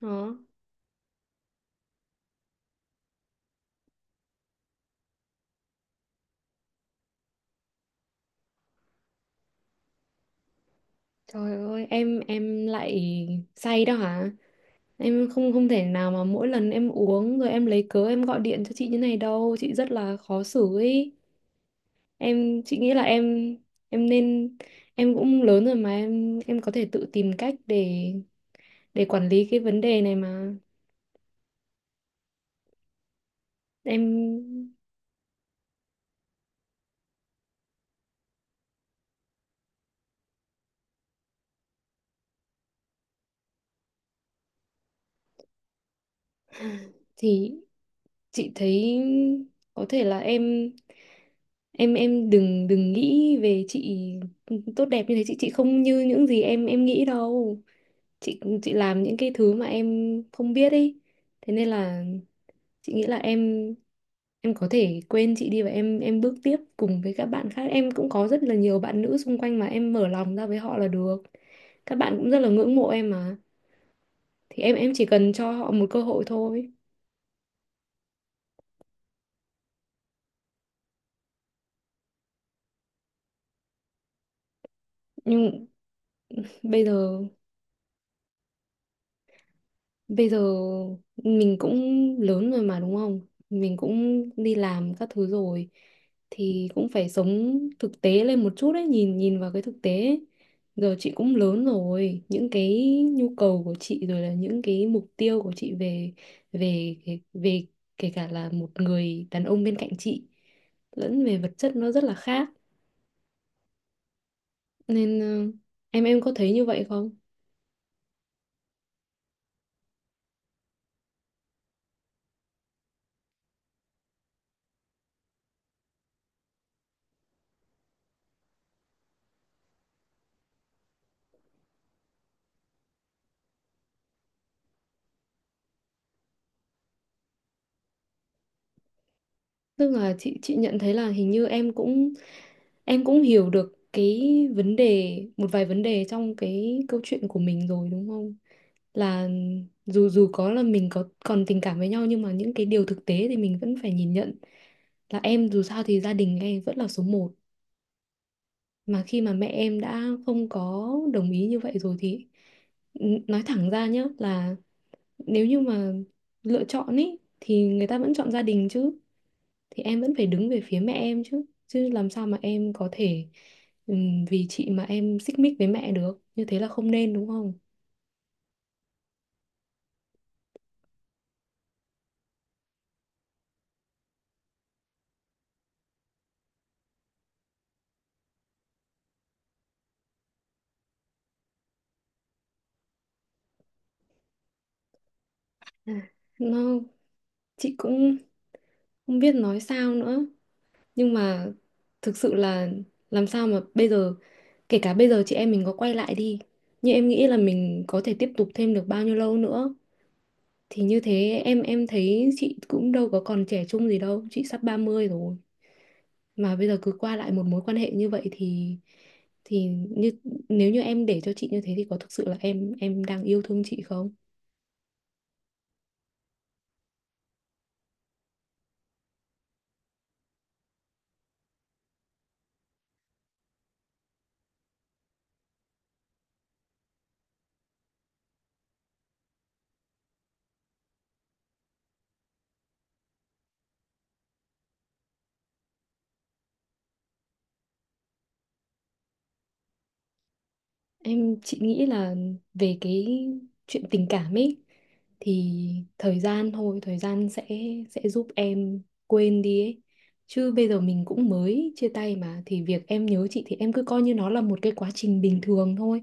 Đó. Trời ơi, em lại say đó hả? Em không không thể nào mà mỗi lần em uống rồi em lấy cớ em gọi điện cho chị như này đâu, chị rất là khó xử ấy. Em, chị nghĩ là em nên, em cũng lớn rồi mà em có thể tự tìm cách để quản lý cái vấn đề này mà. Em thì chị thấy có thể là em đừng đừng nghĩ về chị tốt đẹp như thế. Chị không như những gì em nghĩ đâu. Chị làm những cái thứ mà em không biết ấy, thế nên là chị nghĩ là em có thể quên chị đi, và em bước tiếp cùng với các bạn khác. Em cũng có rất là nhiều bạn nữ xung quanh mà em mở lòng ra với họ là được, các bạn cũng rất là ngưỡng mộ em mà, thì em chỉ cần cho họ một cơ hội thôi. Nhưng bây giờ Bây giờ mình cũng lớn rồi mà, đúng không? Mình cũng đi làm các thứ rồi thì cũng phải sống thực tế lên một chút ấy, nhìn nhìn vào cái thực tế ấy. Giờ chị cũng lớn rồi, những cái nhu cầu của chị rồi là những cái mục tiêu của chị về kể cả là một người đàn ông bên cạnh chị lẫn về vật chất, nó rất là khác. Nên em có thấy như vậy không? Tức là chị nhận thấy là hình như em cũng, em cũng hiểu được cái vấn đề, một vài vấn đề trong cái câu chuyện của mình rồi, đúng không? Là dù dù có là mình có còn tình cảm với nhau, nhưng mà những cái điều thực tế thì mình vẫn phải nhìn nhận, là em dù sao thì gia đình em vẫn là số một. Mà khi mà mẹ em đã không có đồng ý như vậy rồi thì nói thẳng ra nhá, là nếu như mà lựa chọn ý thì người ta vẫn chọn gia đình chứ, thì em vẫn phải đứng về phía mẹ em, chứ chứ làm sao mà em có thể, vì chị mà em xích mích với mẹ được, như thế là không nên, đúng không? À, nó chị cũng không biết nói sao nữa, nhưng mà thực sự là làm sao mà bây giờ, kể cả bây giờ chị em mình có quay lại đi, nhưng em nghĩ là mình có thể tiếp tục thêm được bao nhiêu lâu nữa? Thì như thế, em thấy chị cũng đâu có còn trẻ trung gì đâu, chị sắp 30 rồi mà. Bây giờ cứ qua lại một mối quan hệ như vậy thì như nếu như em để cho chị như thế thì có thực sự là em đang yêu thương chị không? Em, chị nghĩ là về cái chuyện tình cảm ấy, thì thời gian thôi, thời gian sẽ giúp em quên đi ấy. Chứ bây giờ mình cũng mới chia tay mà, thì việc em nhớ chị thì em cứ coi như nó là một cái quá trình bình thường thôi,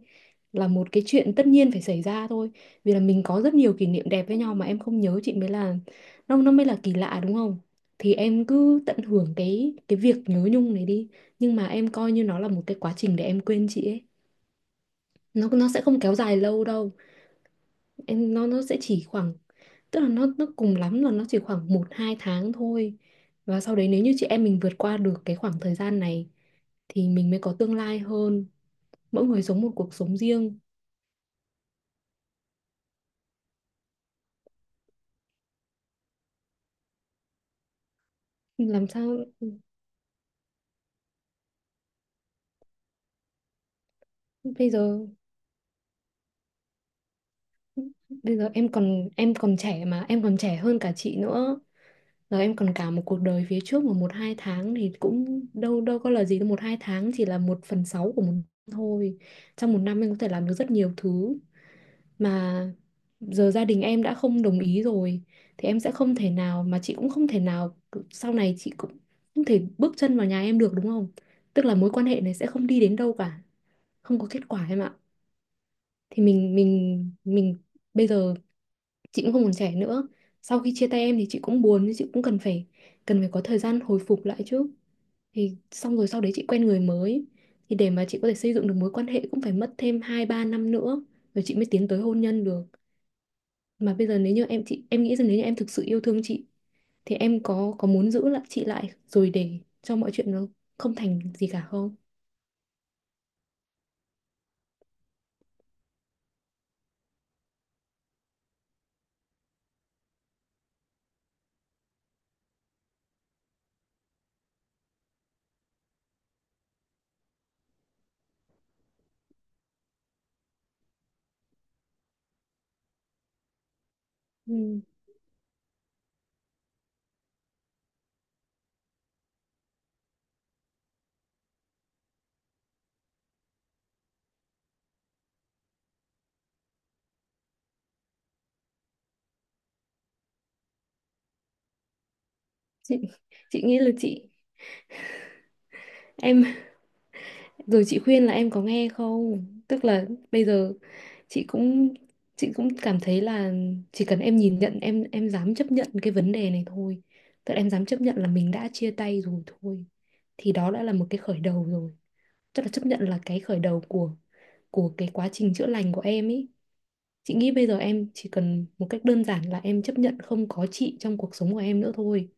là một cái chuyện tất nhiên phải xảy ra thôi. Vì là mình có rất nhiều kỷ niệm đẹp với nhau mà, em không nhớ chị mới là, nó mới là kỳ lạ, đúng không? Thì em cứ tận hưởng cái việc nhớ nhung này đi, nhưng mà em coi như nó là một cái quá trình để em quên chị ấy, nó sẽ không kéo dài lâu đâu em, nó sẽ chỉ khoảng, tức là nó cùng lắm là nó chỉ khoảng 1-2 tháng thôi. Và sau đấy, nếu như chị em mình vượt qua được cái khoảng thời gian này thì mình mới có tương lai hơn, mỗi người sống một cuộc sống riêng. Làm sao bây giờ bây giờ em còn trẻ mà, em còn trẻ hơn cả chị nữa, rồi em còn cả một cuộc đời phía trước mà. 1-2 tháng thì cũng đâu đâu có là gì đâu, 1-2 tháng chỉ là 1/6 của một năm thôi. Trong một năm em có thể làm được rất nhiều thứ mà. Giờ gia đình em đã không đồng ý rồi thì em sẽ không thể nào, mà chị cũng không thể nào, sau này chị cũng không thể bước chân vào nhà em được, đúng không? Tức là mối quan hệ này sẽ không đi đến đâu cả, không có kết quả em ạ. Thì mình bây giờ chị cũng không còn trẻ nữa. Sau khi chia tay em thì chị cũng buồn, nhưng chị cũng cần phải có thời gian hồi phục lại chứ. Thì xong rồi, sau đấy chị quen người mới. Thì để mà chị có thể xây dựng được mối quan hệ cũng phải mất thêm 2-3 năm nữa, rồi chị mới tiến tới hôn nhân được. Mà bây giờ, nếu như em, chị em nghĩ rằng nếu như em thực sự yêu thương chị thì em có muốn giữ lại chị lại rồi để cho mọi chuyện nó không thành gì cả không? Ừ. chị chị nghĩ là chị, em, rồi chị khuyên là em có nghe không, tức là bây giờ chị cũng chị cũng cảm thấy là chỉ cần em nhìn nhận, em dám chấp nhận cái vấn đề này thôi, tức là em dám chấp nhận là mình đã chia tay rồi thôi, thì đó đã là một cái khởi đầu rồi. Tức là chấp nhận là cái khởi đầu của cái quá trình chữa lành của em ý. Chị nghĩ bây giờ em chỉ cần một cách đơn giản là em chấp nhận không có chị trong cuộc sống của em nữa thôi.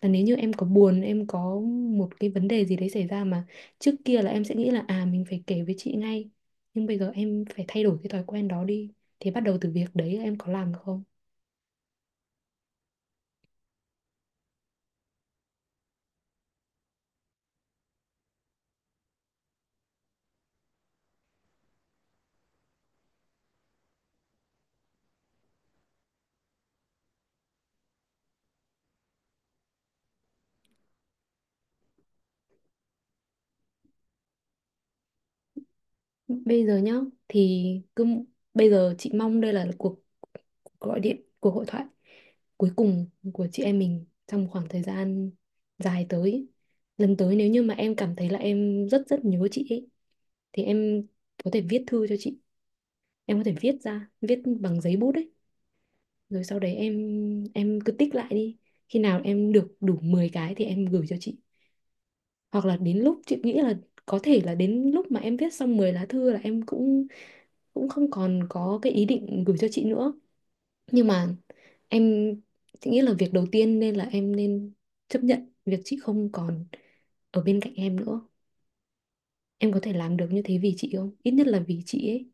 Là nếu như em có buồn, em có một cái vấn đề gì đấy xảy ra mà trước kia là em sẽ nghĩ là à mình phải kể với chị ngay, nhưng bây giờ em phải thay đổi cái thói quen đó đi. Thì bắt đầu từ việc đấy em có làm được không? Bây giờ nhá, thì cứ bây giờ chị mong đây là cuộc, gọi điện, cuộc hội thoại cuối cùng của chị em mình trong khoảng thời gian dài tới. Lần tới nếu như mà em cảm thấy là em rất rất nhớ chị ấy, thì em có thể viết thư cho chị, em có thể viết ra, viết bằng giấy bút đấy, rồi sau đấy em cứ tích lại đi, khi nào em được đủ 10 cái thì em gửi cho chị. Hoặc là đến lúc chị nghĩ là, có thể là đến lúc mà em viết xong 10 lá thư là em cũng cũng không còn có cái ý định gửi cho chị nữa, nhưng mà em, chị nghĩ là việc đầu tiên nên là em nên chấp nhận việc chị không còn ở bên cạnh em nữa. Em có thể làm được như thế vì chị, không, ít nhất là vì chị ấy.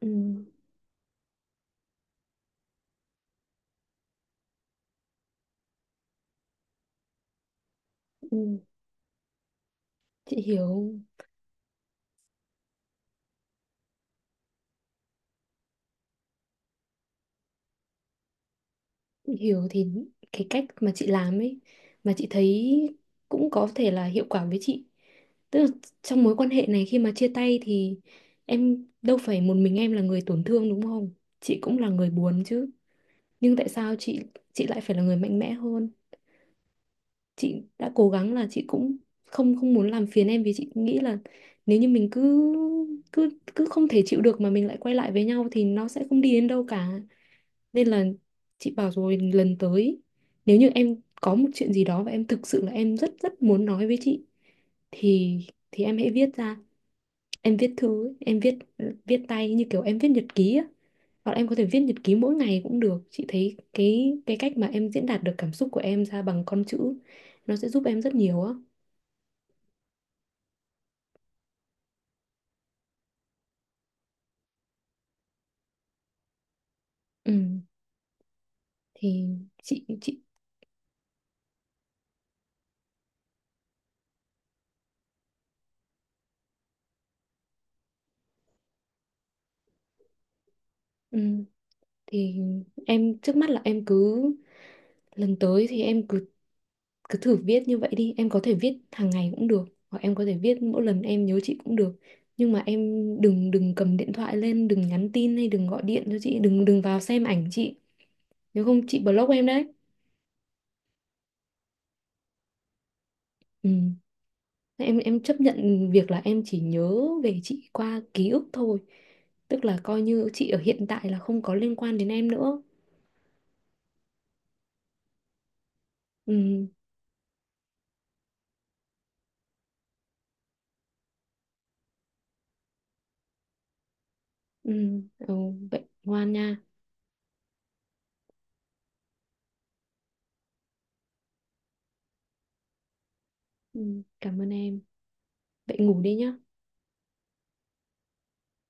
Ừ, ừ, chị hiểu, thì cái cách mà chị làm ấy, mà chị thấy cũng có thể là hiệu quả với chị, tức là trong mối quan hệ này khi mà chia tay thì em đâu phải một mình em là người tổn thương, đúng không? Chị cũng là người buồn chứ, nhưng tại sao chị, lại phải là người mạnh mẽ hơn. Chị đã cố gắng là chị cũng không không muốn làm phiền em, vì chị nghĩ là nếu như mình cứ cứ cứ không thể chịu được mà mình lại quay lại với nhau thì nó sẽ không đi đến đâu cả. Nên là chị bảo rồi, lần tới nếu như em có một chuyện gì đó và em thực sự là em rất rất muốn nói với chị thì thì em hãy viết ra. Em viết thư ấy, em viết viết tay như kiểu em viết nhật ký á. Hoặc là em có thể viết nhật ký mỗi ngày cũng được. Chị thấy cái cách mà em diễn đạt được cảm xúc của em ra bằng con chữ nó sẽ giúp em rất nhiều á. Ừ, thì chị ừ, thì em trước mắt là em cứ lần tới thì em cứ cứ thử viết như vậy đi, em có thể viết hàng ngày cũng được, hoặc em có thể viết mỗi lần em nhớ chị cũng được, nhưng mà em đừng đừng cầm điện thoại lên, đừng nhắn tin hay đừng gọi điện cho chị, đừng đừng vào xem ảnh chị, nếu không chị block em đấy. Ừ. em chấp nhận việc là em chỉ nhớ về chị qua ký ức thôi, tức là coi như chị ở hiện tại là không có liên quan đến em nữa. Ừ. Ừ. Ừ. Vậy ngoan nha. Ừ, cảm ơn em, vậy ngủ đi nhá.